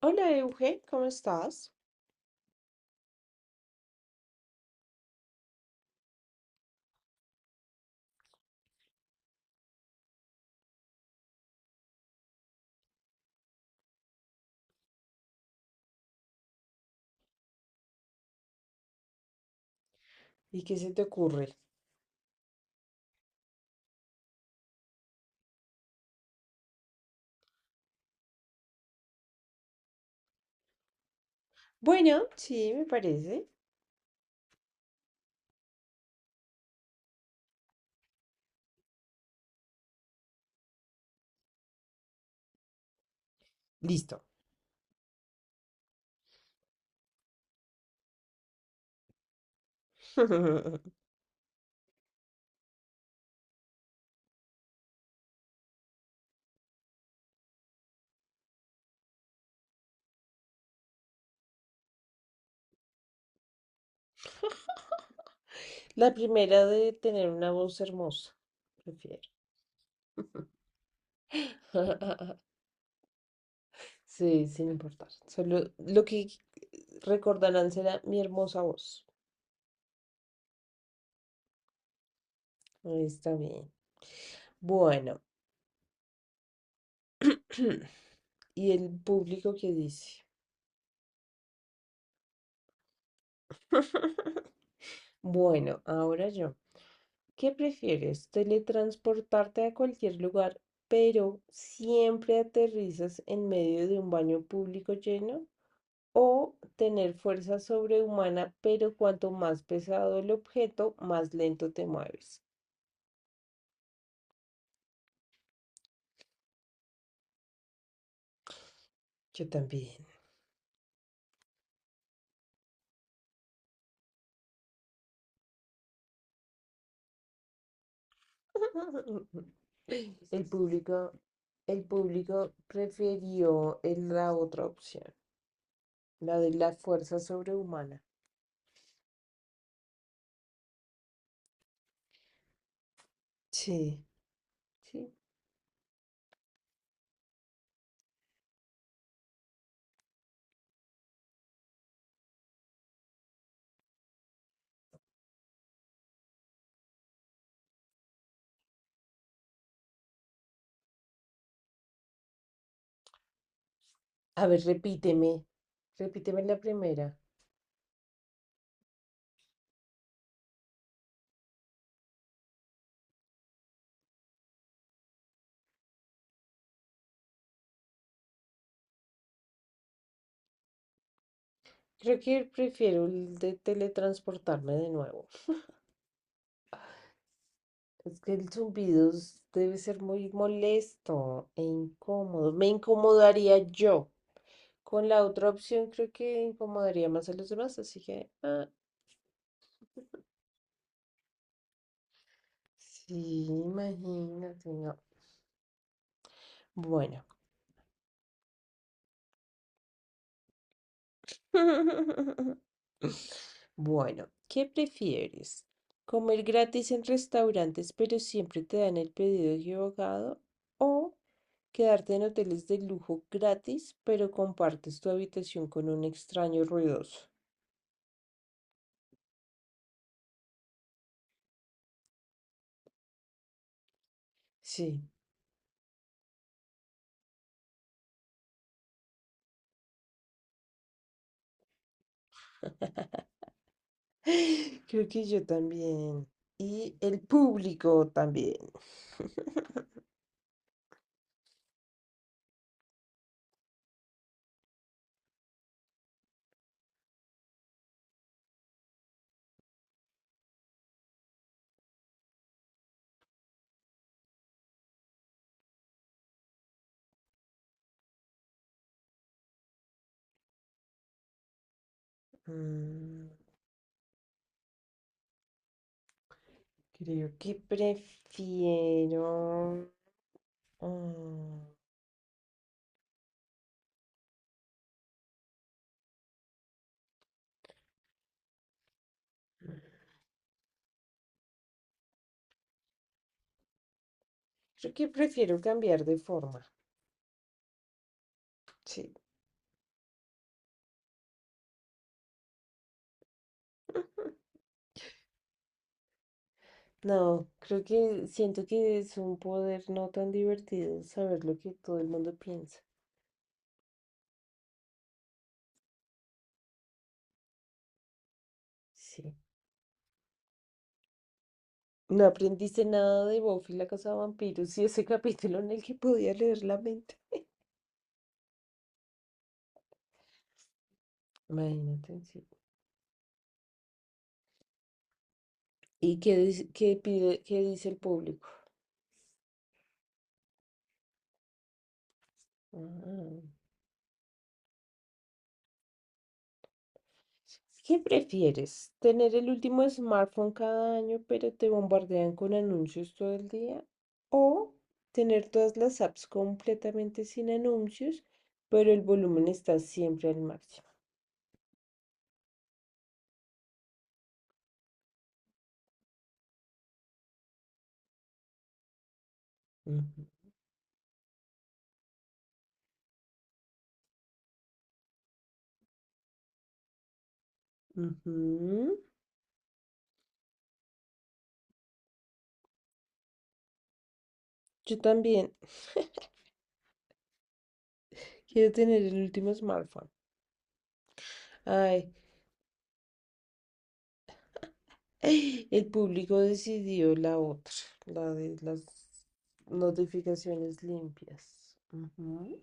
Hola Euge, ¿cómo estás? ¿Y qué se te ocurre? Bueno, sí, me parece. Listo. La primera de tener una voz hermosa, prefiero. Sí, sin importar. Solo lo que recordarán será mi hermosa voz. Ahí está bien. Bueno, ¿y el público qué dice? Bueno, ahora yo. ¿Qué prefieres? ¿Teletransportarte a cualquier lugar, pero siempre aterrizas en medio de un baño público lleno? ¿O tener fuerza sobrehumana, pero cuanto más pesado el objeto, más lento te mueves? Yo también. El público, el público prefirió la otra opción, la de la fuerza sobrehumana. Sí. Sí. A ver, repíteme, repíteme la primera. Creo que prefiero el de teletransportarme de nuevo. Es que debe ser muy molesto e incómodo. Me incomodaría yo. Con la otra opción creo que incomodaría más a los demás, así que... ah, sí, imagínate, no. Bueno. Bueno, ¿qué prefieres? ¿Comer gratis en restaurantes pero siempre te dan el pedido equivocado? ¿O quedarte en hoteles de lujo gratis, pero compartes tu habitación con un extraño ruidoso? Sí, creo que yo también. Y el público también. Mm, Creo que prefiero... mm, creo que prefiero cambiar de forma. Sí. No, creo que siento que es un poder no tan divertido saber lo que todo el mundo piensa. Sí. No aprendiste nada de Buffy la casa de vampiros y ese capítulo en el que podía leer la mente. Imagínate, sí. ¿Y qué qué qué dice el público? Ah. ¿Qué prefieres? ¿Tener el último smartphone cada año, pero te bombardean con anuncios todo el día? ¿O tener todas las apps completamente sin anuncios, pero el volumen está siempre al máximo? Ujú, ujú. Yo también quiero tener el último smartphone. Ay, el público decidió la otra, la de las notificaciones limpias. Ujú.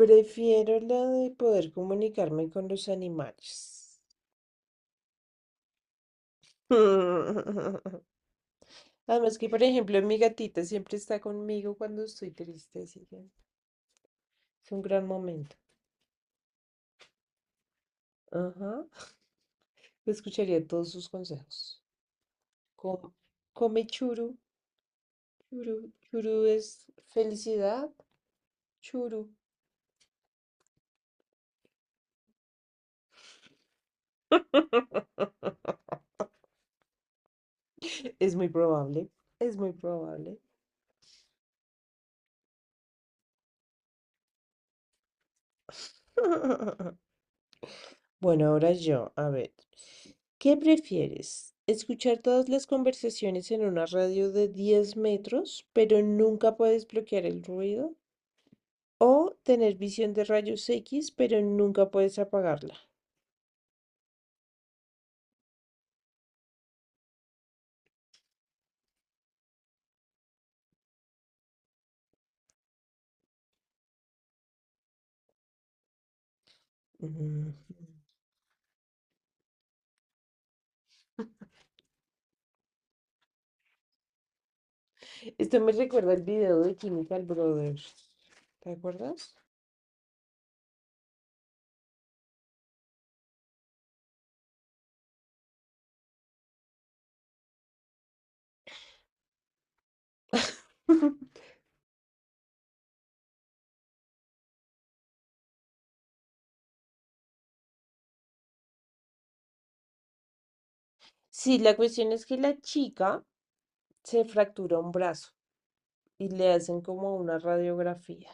Prefiero lo de poder comunicarme con los animales. Además que, por ejemplo, mi gatita siempre está conmigo cuando estoy triste, así que es un gran momento. Ajá. Escucharía todos sus consejos. Com- Come churu, churu, churu es felicidad, churu. Es muy probable, es muy probable. Bueno, ahora yo, a ver, ¿qué prefieres? ¿Escuchar todas las conversaciones en una radio de 10 metros, pero nunca puedes bloquear el ruido? ¿O tener visión de rayos X, pero nunca puedes apagarla? Mm, Esto me recuerda el video de Chemical Brothers. ¿Te acuerdas? Sí, la cuestión es que la chica se fractura un brazo y le hacen como una radiografía.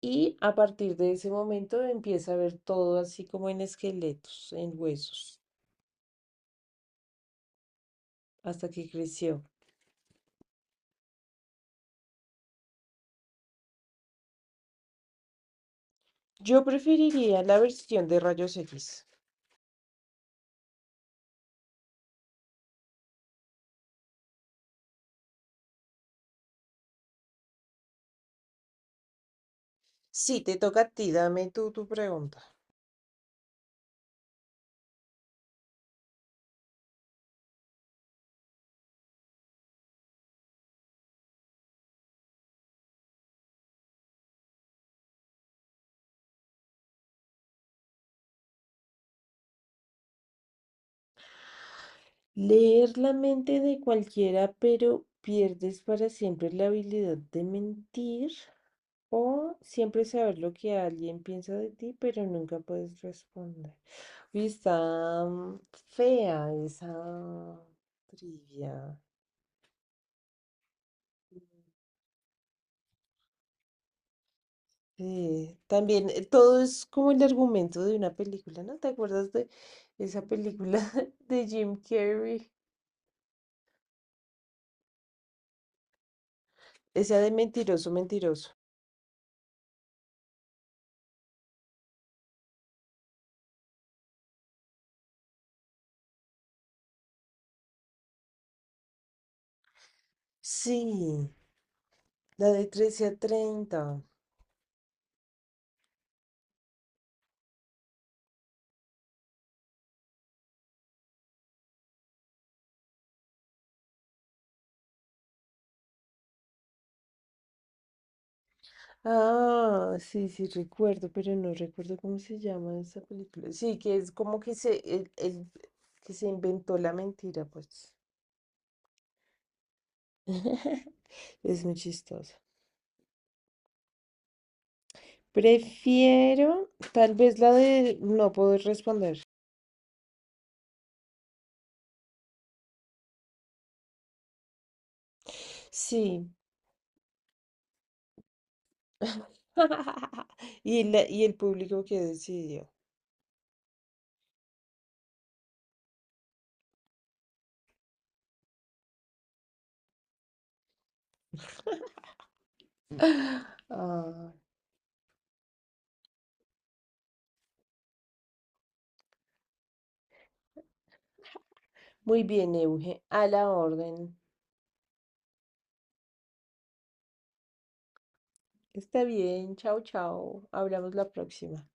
Y a partir de ese momento empieza a ver todo así como en esqueletos, en huesos, hasta que creció. Yo preferiría la versión de rayos X. Sí, te toca a ti, dame tú tu pregunta. Leer la mente de cualquiera, pero pierdes para siempre la habilidad de mentir, o siempre saber lo que alguien piensa de ti, pero nunca puedes responder. Uy, está fea esa trivia. Sí, también todo es como el argumento de una película, ¿no? ¿Te acuerdas de esa película de Jim Carrey? Esa de Mentiroso, Mentiroso. Sí, la de 13 a 30. Ah, sí, sí, recuerdo, pero no recuerdo cómo se llama esa película. Sí, que es como que que se inventó la mentira, pues. Es muy chistosa. Prefiero, tal vez la de no poder responder. Sí. Y y el público que decidió. Ah, muy bien, Euge, a la orden. Está bien, chao, chao. Hablamos la próxima.